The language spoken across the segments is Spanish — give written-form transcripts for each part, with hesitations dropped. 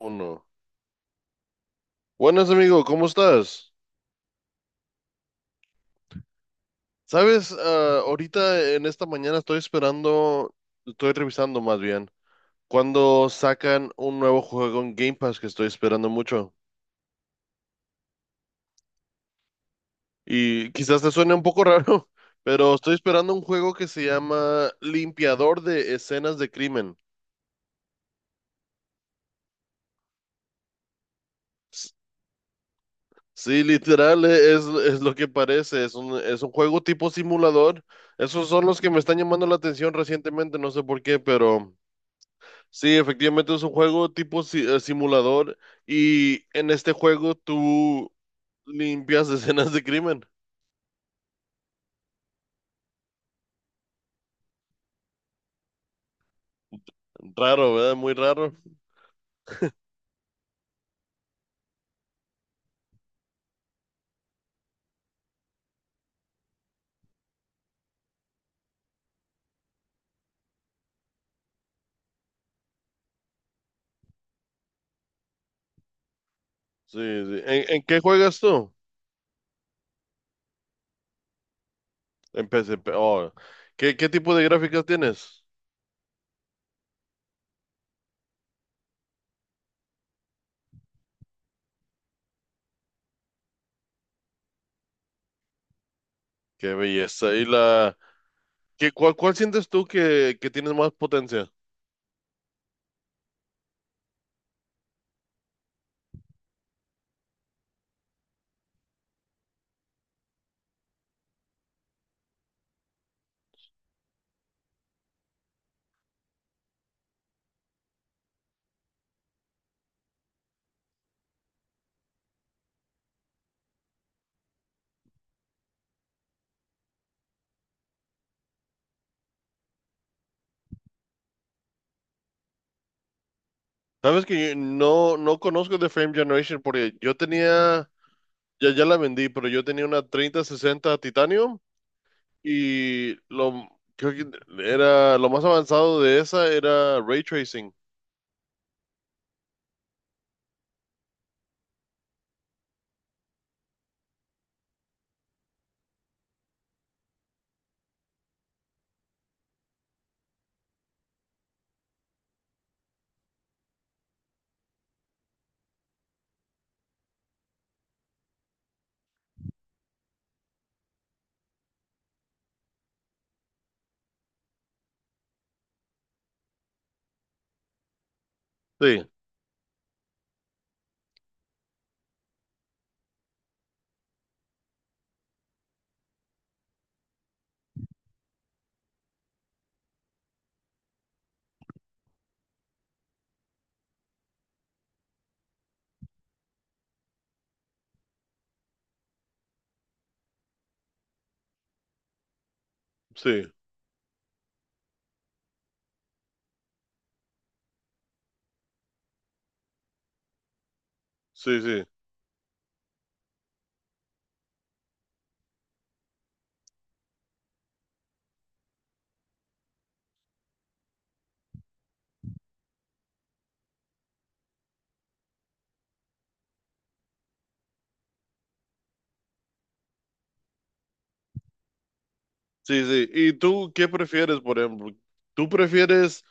Uno. Buenas, amigo, ¿cómo estás? Sabes, Ah, ahorita en esta mañana estoy revisando más bien, cuando sacan un nuevo juego en Game Pass que estoy esperando mucho. Y quizás te suene un poco raro, pero estoy esperando un juego que se llama Limpiador de Escenas de Crimen. S- Sí, literal, es lo que parece, es un juego tipo simulador. Esos son los que me están llamando la atención recientemente, no sé por qué, pero... Sí, efectivamente es un juego tipo simulador y en este juego tú limpias escenas de crimen. Raro, ¿verdad? Muy raro. Sí, sí. ¿En qué juegas tú? En PSP. Oh. ¿Qué tipo de gráficas tienes? Qué belleza. Cuál sientes tú que tienes más potencia? Sabes que yo no conozco de Frame Generation porque yo tenía, ya la vendí, pero yo tenía una 3060 Titanium. Y lo, Creo que era lo más avanzado de esa era ray tracing. Sí, sí, sí, sí, sí, sí. ¿Y tú qué prefieres, por ejemplo? ¿Tú prefieres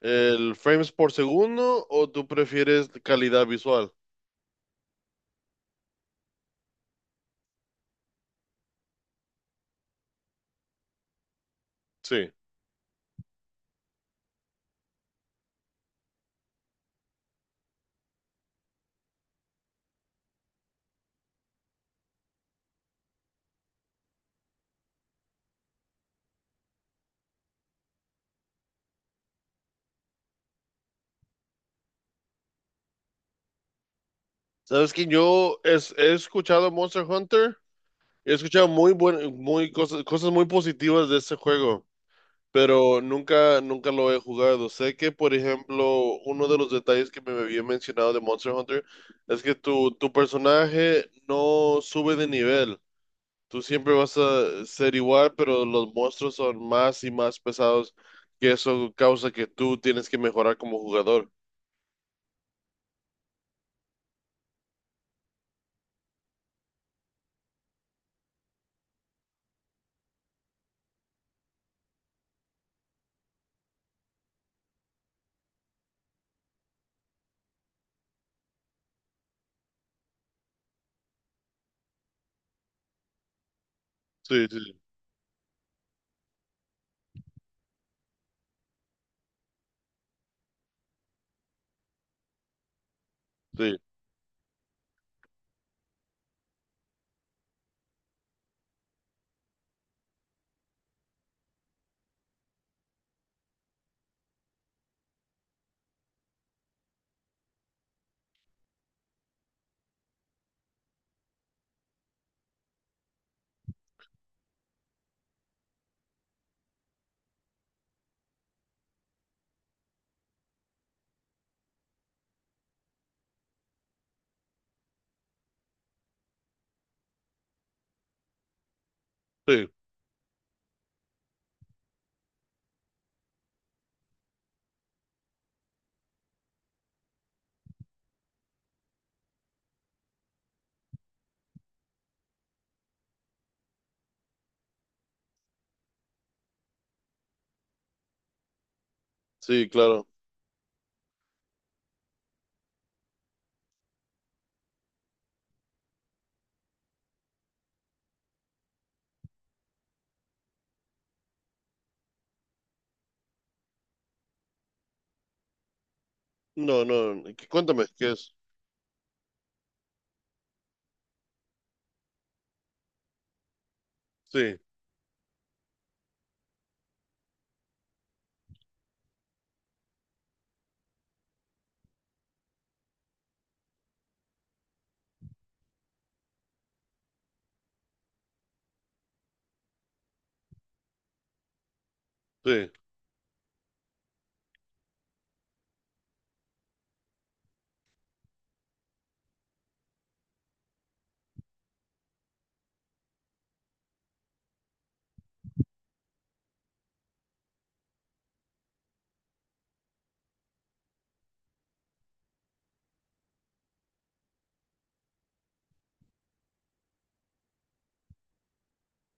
el frames por segundo o tú prefieres calidad visual? Sí. Sabes que yo he escuchado Monster Hunter, he escuchado muy cosas muy positivas de este juego. Pero nunca lo he jugado. Sé que, por ejemplo, uno de los detalles que me había mencionado de Monster Hunter es que tu personaje no sube de nivel. Tú siempre vas a ser igual, pero los monstruos son más y más pesados, que eso causa que tú tienes que mejorar como jugador. Sí, sí, sí, sí, sí, claro. No, no, cuéntame, ¿qué es? Sí, sí,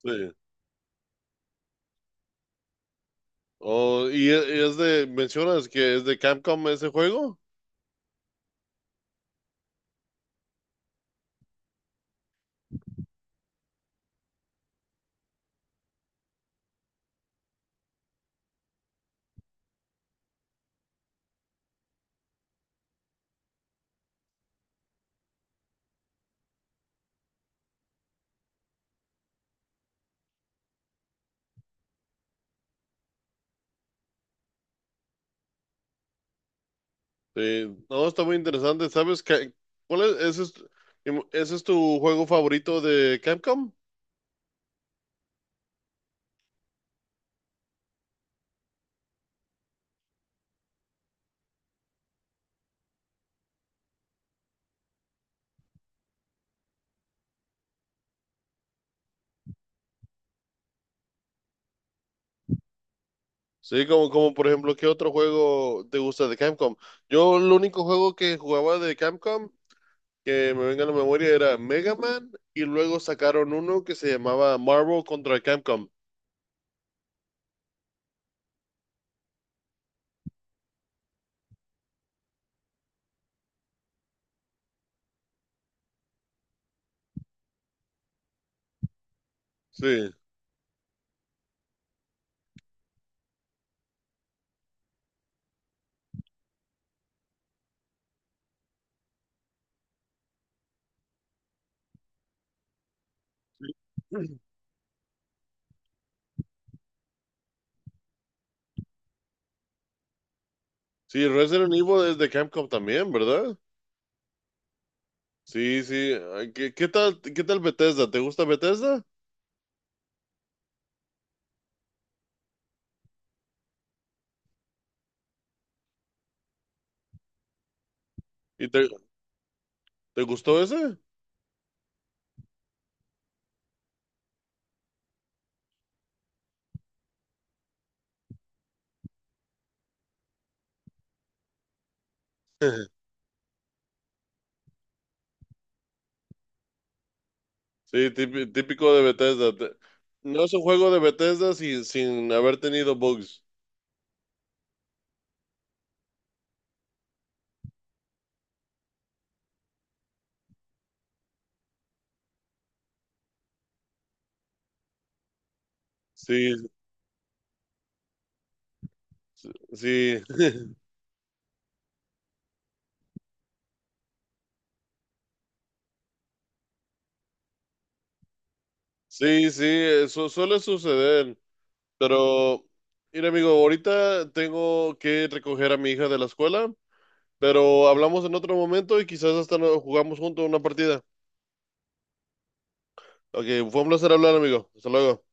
sí. Oh, ¿y es de, mencionas que es de Capcom ese juego? Sí, no, está muy interesante. ¿Sabes qué? ¿Cuál es? ¿Ese es tu juego favorito de Capcom? Sí, como por ejemplo, ¿qué otro juego te gusta de Capcom? Yo el único juego que jugaba de Capcom que me venga a la memoria era Mega Man y luego sacaron uno que se llamaba Marvel contra Capcom. Sí. Sí, Resident Evil es de Capcom también, ¿verdad? Sí, sí. Ay, ¿Qué tal Bethesda? ¿Te gusta Bethesda? ¿Y te gustó ese? Sí, típico de Bethesda. No es un juego de Bethesda sin haber tenido bugs. Sí, sí, sí, sí, eso suele suceder. Pero, mira, amigo, ahorita tengo que recoger a mi hija de la escuela, pero hablamos en otro momento y quizás hasta jugamos juntos una partida. Ok, fue un placer hablar, amigo. Hasta luego.